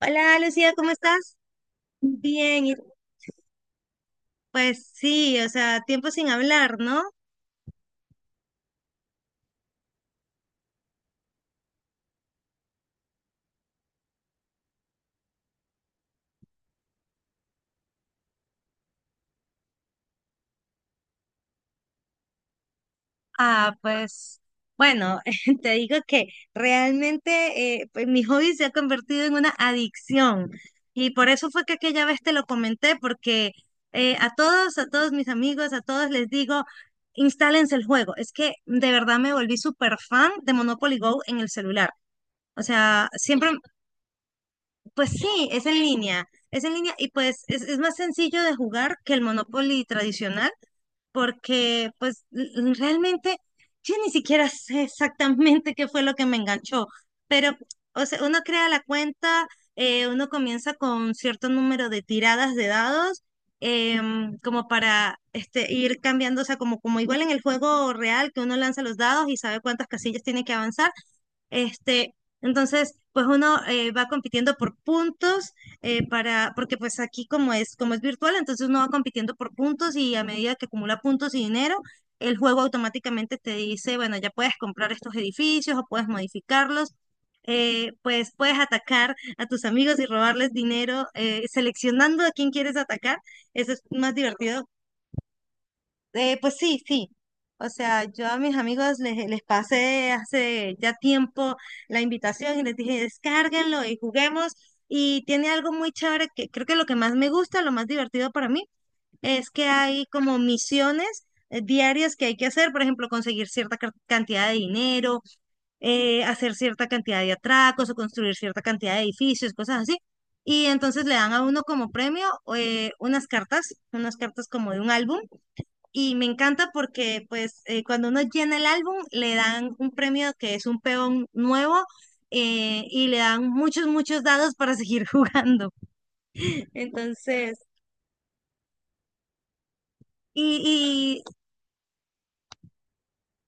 Hola, Lucía, ¿cómo estás? Bien, y pues sí, o sea, tiempo sin hablar, ¿no? Ah, pues bueno, te digo que realmente pues, mi hobby se ha convertido en una adicción y por eso fue que aquella vez te lo comenté, porque a todos mis amigos, a todos les digo, instálense el juego. Es que de verdad me volví súper fan de Monopoly Go en el celular. O sea, siempre. Pues sí, es en línea y pues es más sencillo de jugar que el Monopoly tradicional porque pues realmente yo ni siquiera sé exactamente qué fue lo que me enganchó, pero o sea, uno crea la cuenta, uno comienza con cierto número de tiradas de dados, como para ir cambiando, o sea, como igual en el juego real que uno lanza los dados y sabe cuántas casillas tiene que avanzar, este, entonces, pues uno va compitiendo por puntos, porque pues aquí como como es virtual, entonces uno va compitiendo por puntos y a medida que acumula puntos y dinero, el juego automáticamente te dice, bueno, ya puedes comprar estos edificios o puedes modificarlos. Pues puedes atacar a tus amigos y robarles dinero, seleccionando a quién quieres atacar. Eso es más divertido. Pues sí, sí. O sea, yo a mis amigos les pasé hace ya tiempo la invitación y les dije, descárguenlo y juguemos. Y tiene algo muy chévere que creo que lo que más me gusta, lo más divertido para mí, es que hay como misiones diarias que hay que hacer. Por ejemplo, conseguir cierta cantidad de dinero, hacer cierta cantidad de atracos o construir cierta cantidad de edificios, cosas así. Y entonces le dan a uno como premio unas cartas como de un álbum, y me encanta porque pues cuando uno llena el álbum le dan un premio que es un peón nuevo, y le dan muchos, muchos dados para seguir jugando. Entonces, y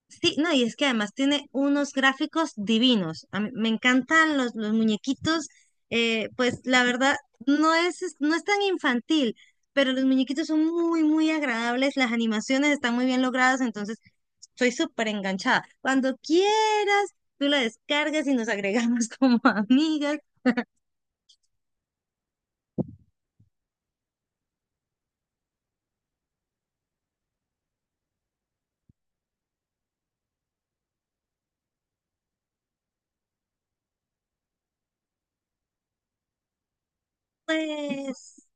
sí, no, y es que además tiene unos gráficos divinos. A mí me encantan los muñequitos. Pues la verdad, no es tan infantil, pero los muñequitos son muy, muy agradables. Las animaciones están muy bien logradas, entonces soy súper enganchada. Cuando quieras, tú la descargas y nos agregamos como amigas. Pues,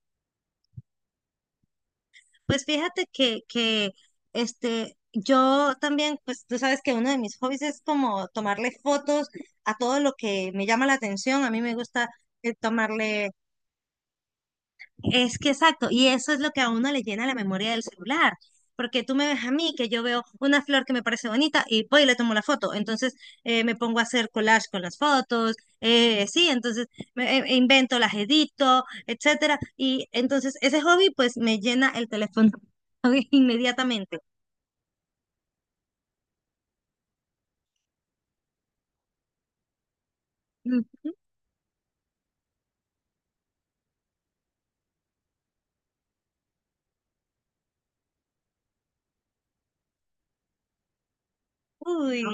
pues fíjate que yo también, pues tú sabes que uno de mis hobbies es como tomarle fotos a todo lo que me llama la atención. A mí me gusta tomarle Es que exacto, y eso es lo que a uno le llena la memoria del celular, porque tú me ves a mí que yo veo una flor que me parece bonita y voy y le tomo la foto, entonces me pongo a hacer collage con las fotos, sí, entonces e invento, las edito, etcétera, y entonces ese hobby pues me llena el teléfono inmediatamente. Mm. Uy,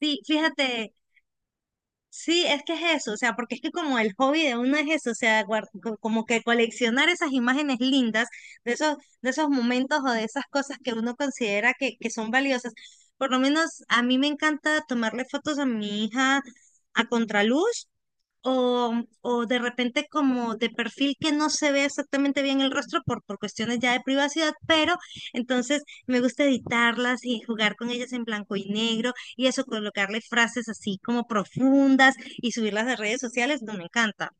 sí, fíjate, sí, es que es eso, o sea, porque es que como el hobby de uno es eso, o sea, como que coleccionar esas imágenes lindas de esos, de esos momentos o de esas cosas que uno considera que son valiosas. Por lo menos a mí me encanta tomarle fotos a mi hija a contraluz o de repente como de perfil que no se ve exactamente bien el rostro por cuestiones ya de privacidad, pero entonces me gusta editarlas y jugar con ellas en blanco y negro y eso, colocarle frases así como profundas y subirlas a redes sociales, no me encanta.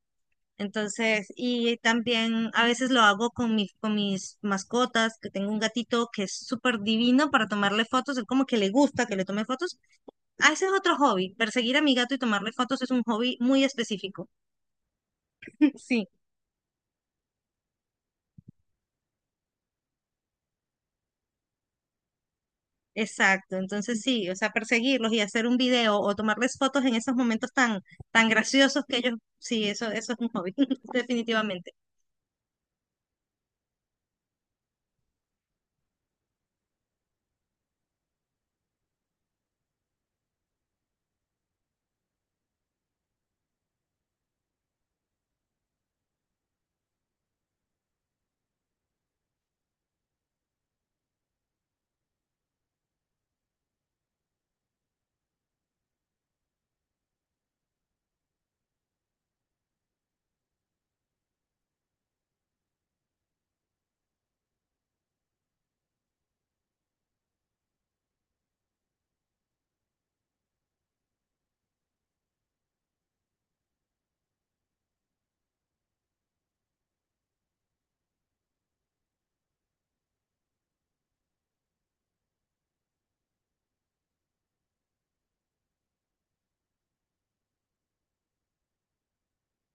Entonces, y también a veces lo hago con con mis mascotas, que tengo un gatito que es súper divino para tomarle fotos, él como que le gusta que le tome fotos. Ah, ese es otro hobby, perseguir a mi gato y tomarle fotos es un hobby muy específico. Sí, exacto. Entonces sí, o sea, perseguirlos y hacer un video o tomarles fotos en esos momentos tan, tan graciosos que ellos, sí, eso es un hobby, definitivamente.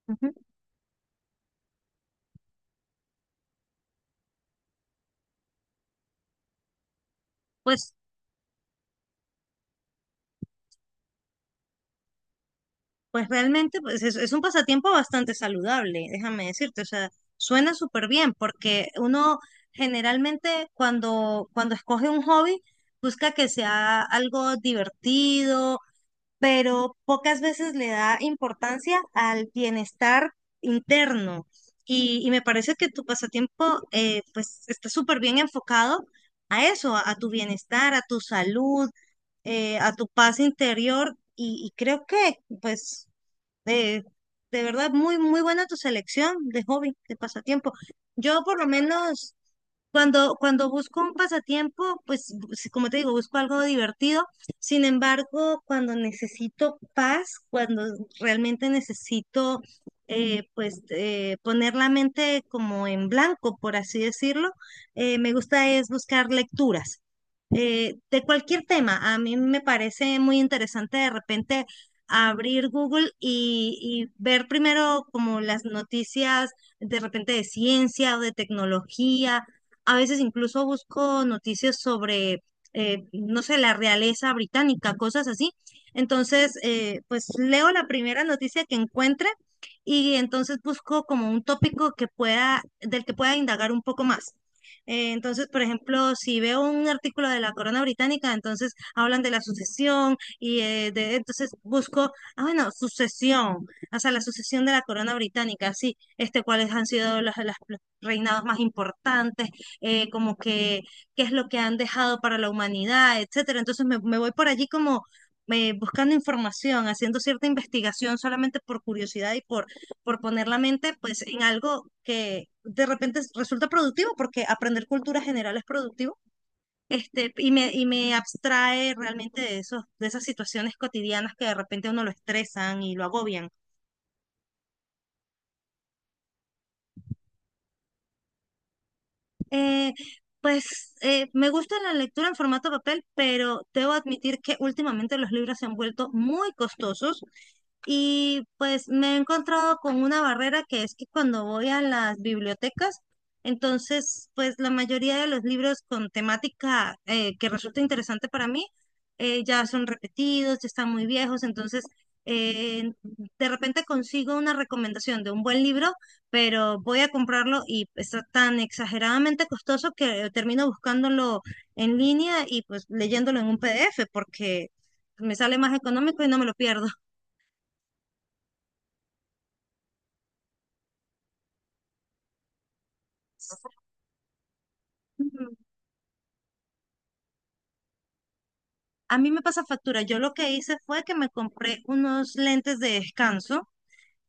Ujú. Pues, pues realmente es un pasatiempo bastante saludable, déjame decirte. O sea, suena súper bien porque uno generalmente cuando escoge un hobby busca que sea algo divertido, pero pocas veces le da importancia al bienestar interno. Y me parece que tu pasatiempo, pues está súper bien enfocado a eso, a tu bienestar, a tu salud, a tu paz interior. Y creo que pues eh, de verdad, muy, muy buena tu selección de hobby, de pasatiempo. Yo por lo menos cuando busco un pasatiempo, pues como te digo, busco algo divertido. Sin embargo, cuando necesito paz, cuando realmente necesito poner la mente como en blanco, por así decirlo, me gusta es buscar lecturas de cualquier tema. A mí me parece muy interesante de repente abrir Google y ver primero como las noticias de repente de ciencia o de tecnología. A veces incluso busco noticias sobre, no sé, la realeza británica, cosas así. Entonces, pues leo la primera noticia que encuentre y entonces busco como un tópico que del que pueda indagar un poco más. Entonces, por ejemplo, si veo un artículo de la Corona Británica, entonces hablan de la sucesión, y entonces busco, ah, bueno, sucesión, o sea, la sucesión de la corona británica, sí, este, cuáles han sido los reinados más importantes, como que qué es lo que han dejado para la humanidad, etcétera. Entonces me voy por allí como buscando información, haciendo cierta investigación solamente por curiosidad y por poner la mente pues en algo que de repente resulta productivo, porque aprender cultura general es productivo, este, y me abstrae realmente de esos, de esas situaciones cotidianas que de repente a uno lo estresan y lo agobian. Eh, Me gusta la lectura en formato papel, pero debo admitir que últimamente los libros se han vuelto muy costosos. Y pues me he encontrado con una barrera que es que cuando voy a las bibliotecas, entonces pues la mayoría de los libros con temática que resulta interesante para mí ya son repetidos, ya están muy viejos, entonces de repente consigo una recomendación de un buen libro, pero voy a comprarlo y está tan exageradamente costoso que termino buscándolo en línea y pues leyéndolo en un PDF porque me sale más económico y no me lo pierdo. Mm. A mí me pasa factura. Yo lo que hice fue que me compré unos lentes de descanso,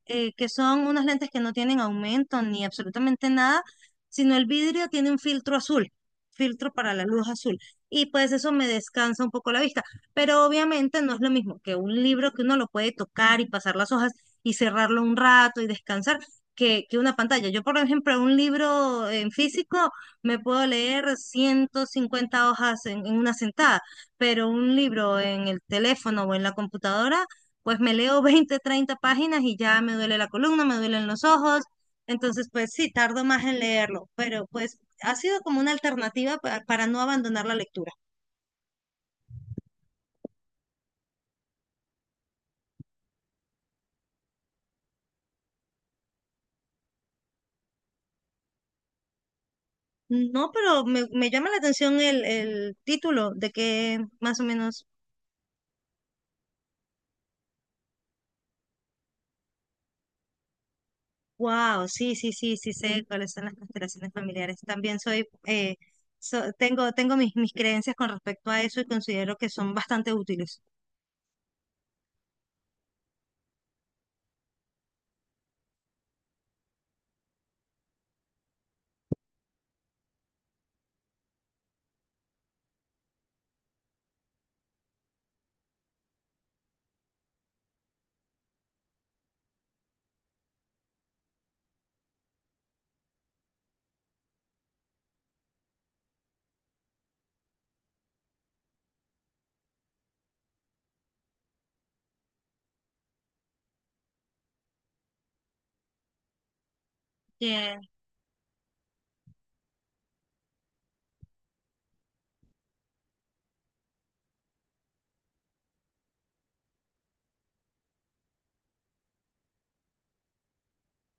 que son unas lentes que no tienen aumento ni absolutamente nada, sino el vidrio tiene un filtro azul, filtro para la luz azul. Y pues eso me descansa un poco la vista. Pero obviamente no es lo mismo que un libro que uno lo puede tocar y pasar las hojas y cerrarlo un rato y descansar. Que una pantalla. Yo, por ejemplo, un libro en físico me puedo leer 150 hojas en una sentada, pero un libro en el teléfono o en la computadora pues me leo 20, 30 páginas y ya me duele la columna, me duelen los ojos. Entonces, pues sí, tardo más en leerlo, pero pues ha sido como una alternativa para no abandonar la lectura. No, pero me llama la atención el título, de que más o menos. Wow, sí, sí, sí, sí sé cuáles son las constelaciones familiares. También soy, tengo mis creencias con respecto a eso y considero que son bastante útiles.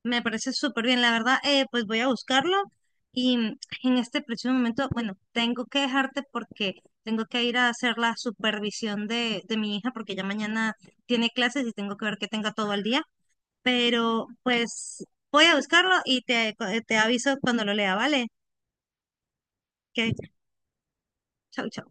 Me parece súper bien, la verdad, pues voy a buscarlo y mm, en este preciso momento, bueno, tengo que dejarte porque tengo que ir a hacer la supervisión de mi hija, porque ya mañana tiene clases y tengo que ver que tenga todo el día, pero pues voy a buscarlo y te aviso cuando lo lea, ¿vale? Que chau, chau.